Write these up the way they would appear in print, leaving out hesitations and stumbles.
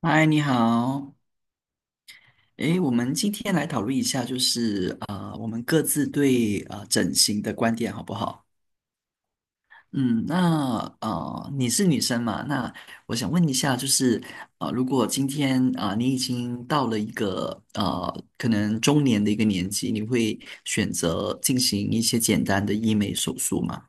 嗨，你好。诶，我们今天来讨论一下，就是我们各自对整形的观点好不好？嗯，那你是女生嘛？那我想问一下，就是如果今天你已经到了一个可能中年的一个年纪，你会选择进行一些简单的医美手术吗？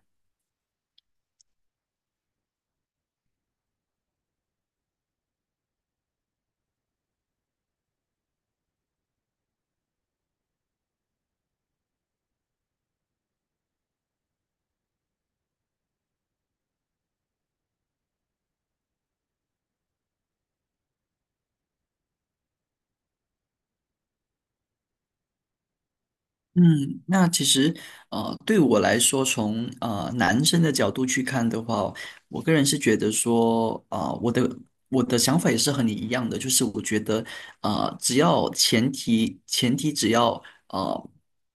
嗯，那其实对我来说，从男生的角度去看的话，我个人是觉得说，我的想法也是和你一样的，就是我觉得，只要前提只要呃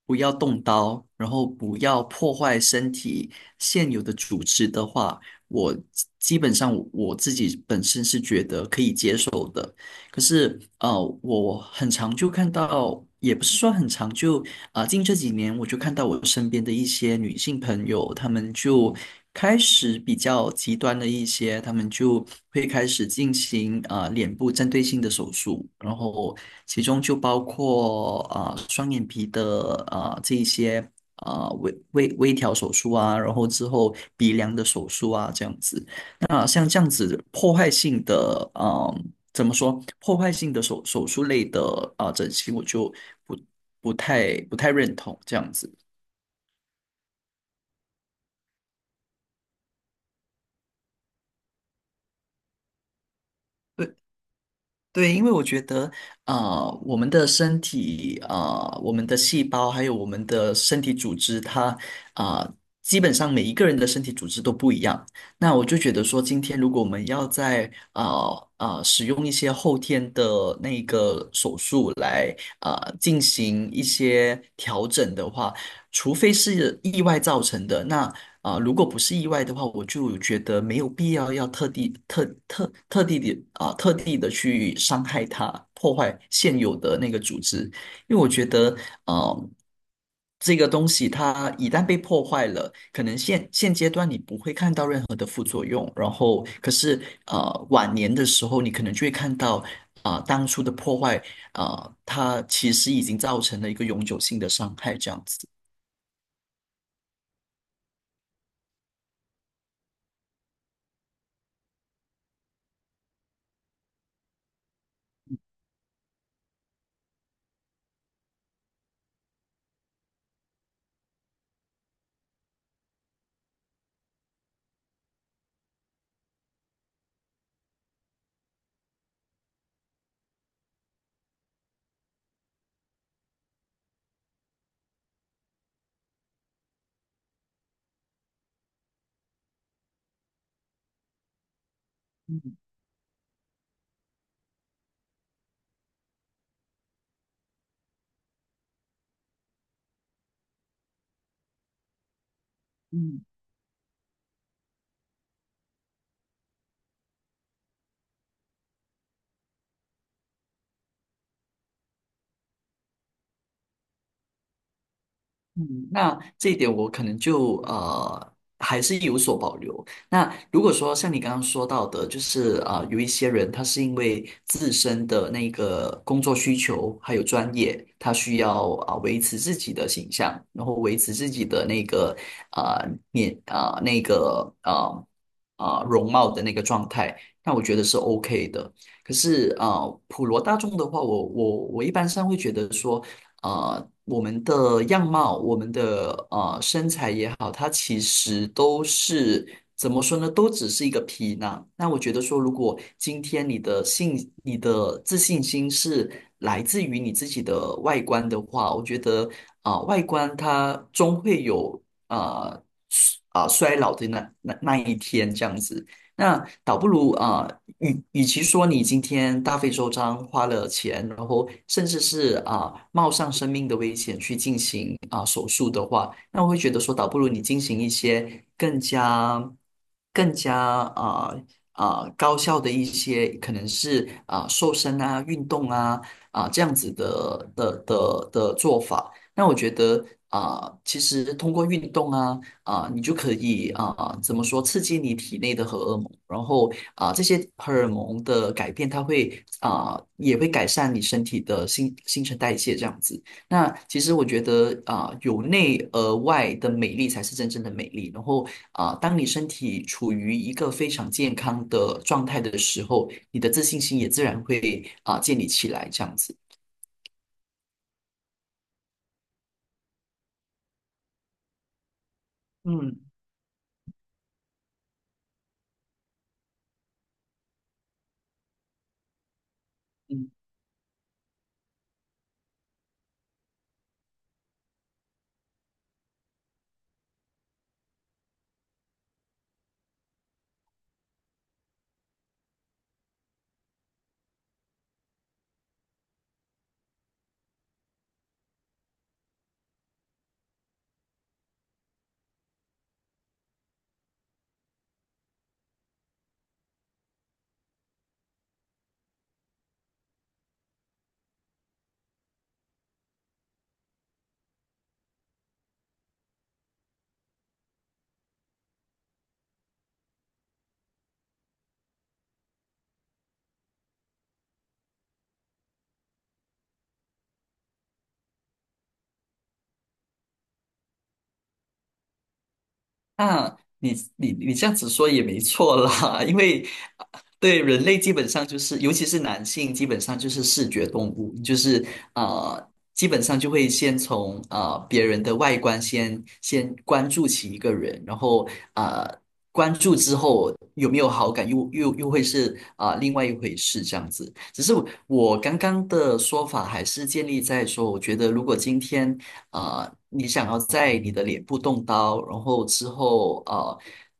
不要动刀，然后不要破坏身体现有的组织的话，我基本上我自己本身是觉得可以接受的。可是，我很常就看到，也不是说很常就。近这几年我就看到我身边的一些女性朋友，她们就开始比较极端的一些，她们就会开始进行脸部针对性的手术，然后其中就包括双眼皮的这一些微调手术，然后之后鼻梁的手术这样子。那像这样子破坏性的，怎么说？破坏性的手术类的整形，我就。不。不太认同这样子。对对，因为我觉得，我们的身体，我们的细胞，还有我们的身体组织，它，啊、基本上每一个人的身体组织都不一样。那我就觉得说，今天如果我们要在使用一些后天的那个手术来进行一些调整的话，除非是意外造成的，那如果不是意外的话，我就觉得没有必要要特地特特特地的啊、特地的去伤害它，破坏现有的那个组织，因为我觉得呃这个东西它一旦被破坏了，可能现阶段你不会看到任何的副作用，然后可是晚年的时候，你可能就会看到当初的破坏啊、它其实已经造成了一个永久性的伤害，这样子。嗯，那这一点我可能就还是有所保留。那如果说像你刚刚说到的，就是有一些人他是因为自身的那个工作需求还有专业，他需要维持自己的形象，然后维持自己的那个啊面啊那个啊啊、呃容貌的那个状态，那我觉得是 OK 的。可是普罗大众的话，我一般上会觉得说。我们的样貌、我们的身材也好，它其实都是怎么说呢？都只是一个皮囊。那我觉得说，如果今天你的自信心是来自于你自己的外观的话，我觉得外观它终会有啊衰老的那一天这样子。那倒不如与其说你今天大费周章花了钱，然后甚至是冒上生命的危险去进行手术的话，那我会觉得说，倒不如你进行一些更加高效的一些，可能是瘦身运动这样子的。那我觉得其实通过运动你就可以怎么说，刺激你体内的荷尔蒙，然后这些荷尔蒙的改变，它会也会改善你身体的新陈代谢这样子。那其实我觉得由内而外的美丽才是真正的美丽。然后当你身体处于一个非常健康的状态的时候，你的自信心也自然会建立起来这样子。嗯。嗯。那你这样子说也没错啦，因为对人类基本上就是，尤其是男性，基本上就是视觉动物，就是呃，基本上就会先从别人的外观先关注起一个人，然后呃关注之后有没有好感，又会是另外一回事这样子。只是我刚刚的说法还是建立在说，我觉得如果今天你想要在你的脸部动刀，然后之后啊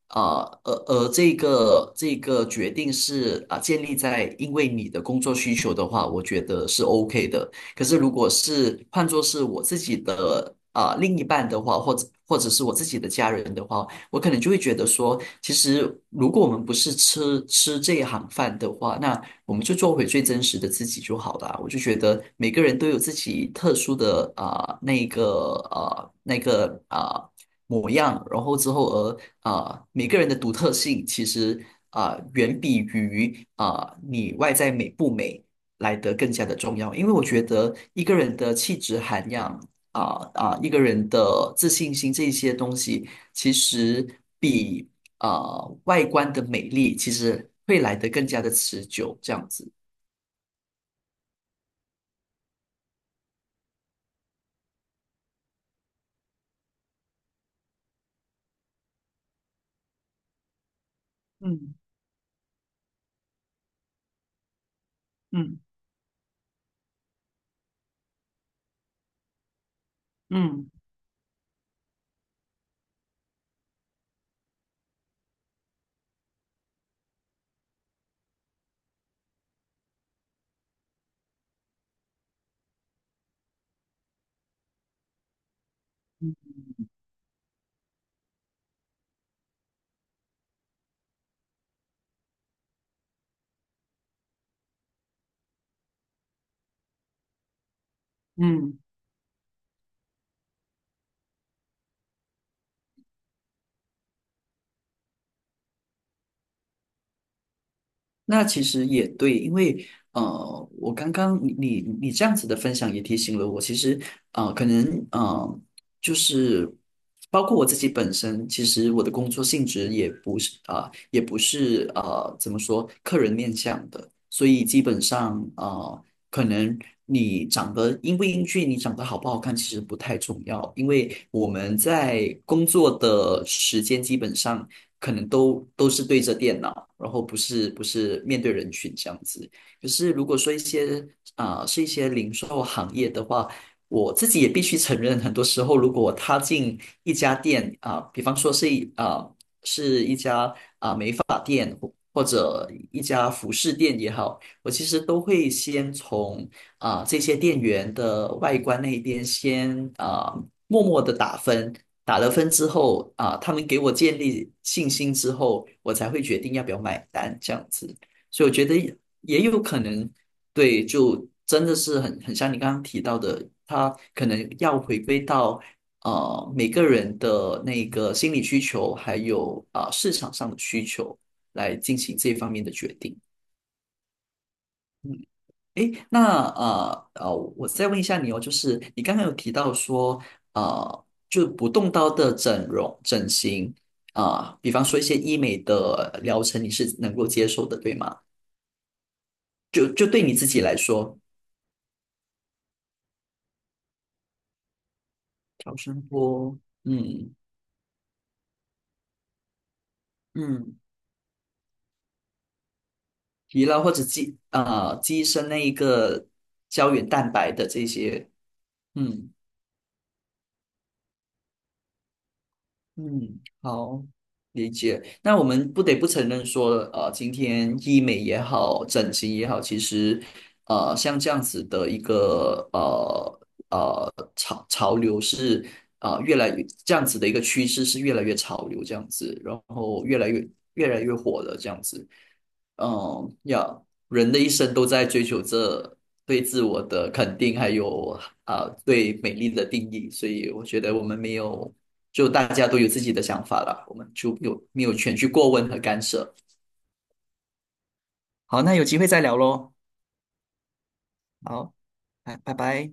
啊，呃呃，这个决定是建立在因为你的工作需求的话，我觉得是 OK 的。可是如果是换作是我自己的另一半的话，或者是我自己的家人的话，我可能就会觉得说，其实如果我们不是吃这一行饭的话，那我们就做回最真实的自己就好了啊。我就觉得每个人都有自己特殊的呃那个啊、呃模样，然后之后而每个人的独特性其实远比于你外在美不美来得更加的重要，因为我觉得一个人的气质涵养。一个人的自信心这一些东西，其实比外观的美丽，其实会来得更加的持久，这样子。嗯。嗯。嗯。嗯。那其实也对，因为呃，我刚刚你这样子的分享也提醒了我，其实啊，可能啊，就是包括我自己本身，其实我的工作性质也不是也不是，怎么说，客人面向的，所以基本上可能你长得英不英俊，你长得好不好看，其实不太重要，因为我们在工作的时间基本上可能都是对着电脑。然后不是面对人群这样子。可是如果说一些是一些零售行业的话，我自己也必须承认，很多时候如果我踏进一家店比方说是一啊、是一家发店或者一家服饰店也好，我其实都会先从这些店员的外观那一边先默默的打分，打了分之后他们给我建立信心之后，我才会决定要不要买单这样子。所以我觉得也有可能，对，就真的是很像你刚刚提到的，他可能要回归到每个人的那个心理需求，还有市场上的需求。来进行这方面的决定。诶，那我再问一下你哦，就是你刚刚有提到说，就不动刀的整容、整形，比方说一些医美的疗程，你是能够接受的，对吗？就就对你自己来说，超声波，嗯。嗯，疲劳或者肌肌医生那一个胶原蛋白的这些，嗯。嗯，好，理解。那我们不得不承认说，今天医美也好，整形也好，其实，像这样子的一个呃呃潮潮流是啊、呃越来越这样子的一个趋势是越来越潮流这样子，然后越来越火的这样子。嗯，要人的一生都在追求着对自我的肯定，还有对美丽的定义，所以我觉得我们没有，就大家都有自己的想法啦，我们就有没有权去过问和干涉。好，那有机会再聊喽。好，拜拜。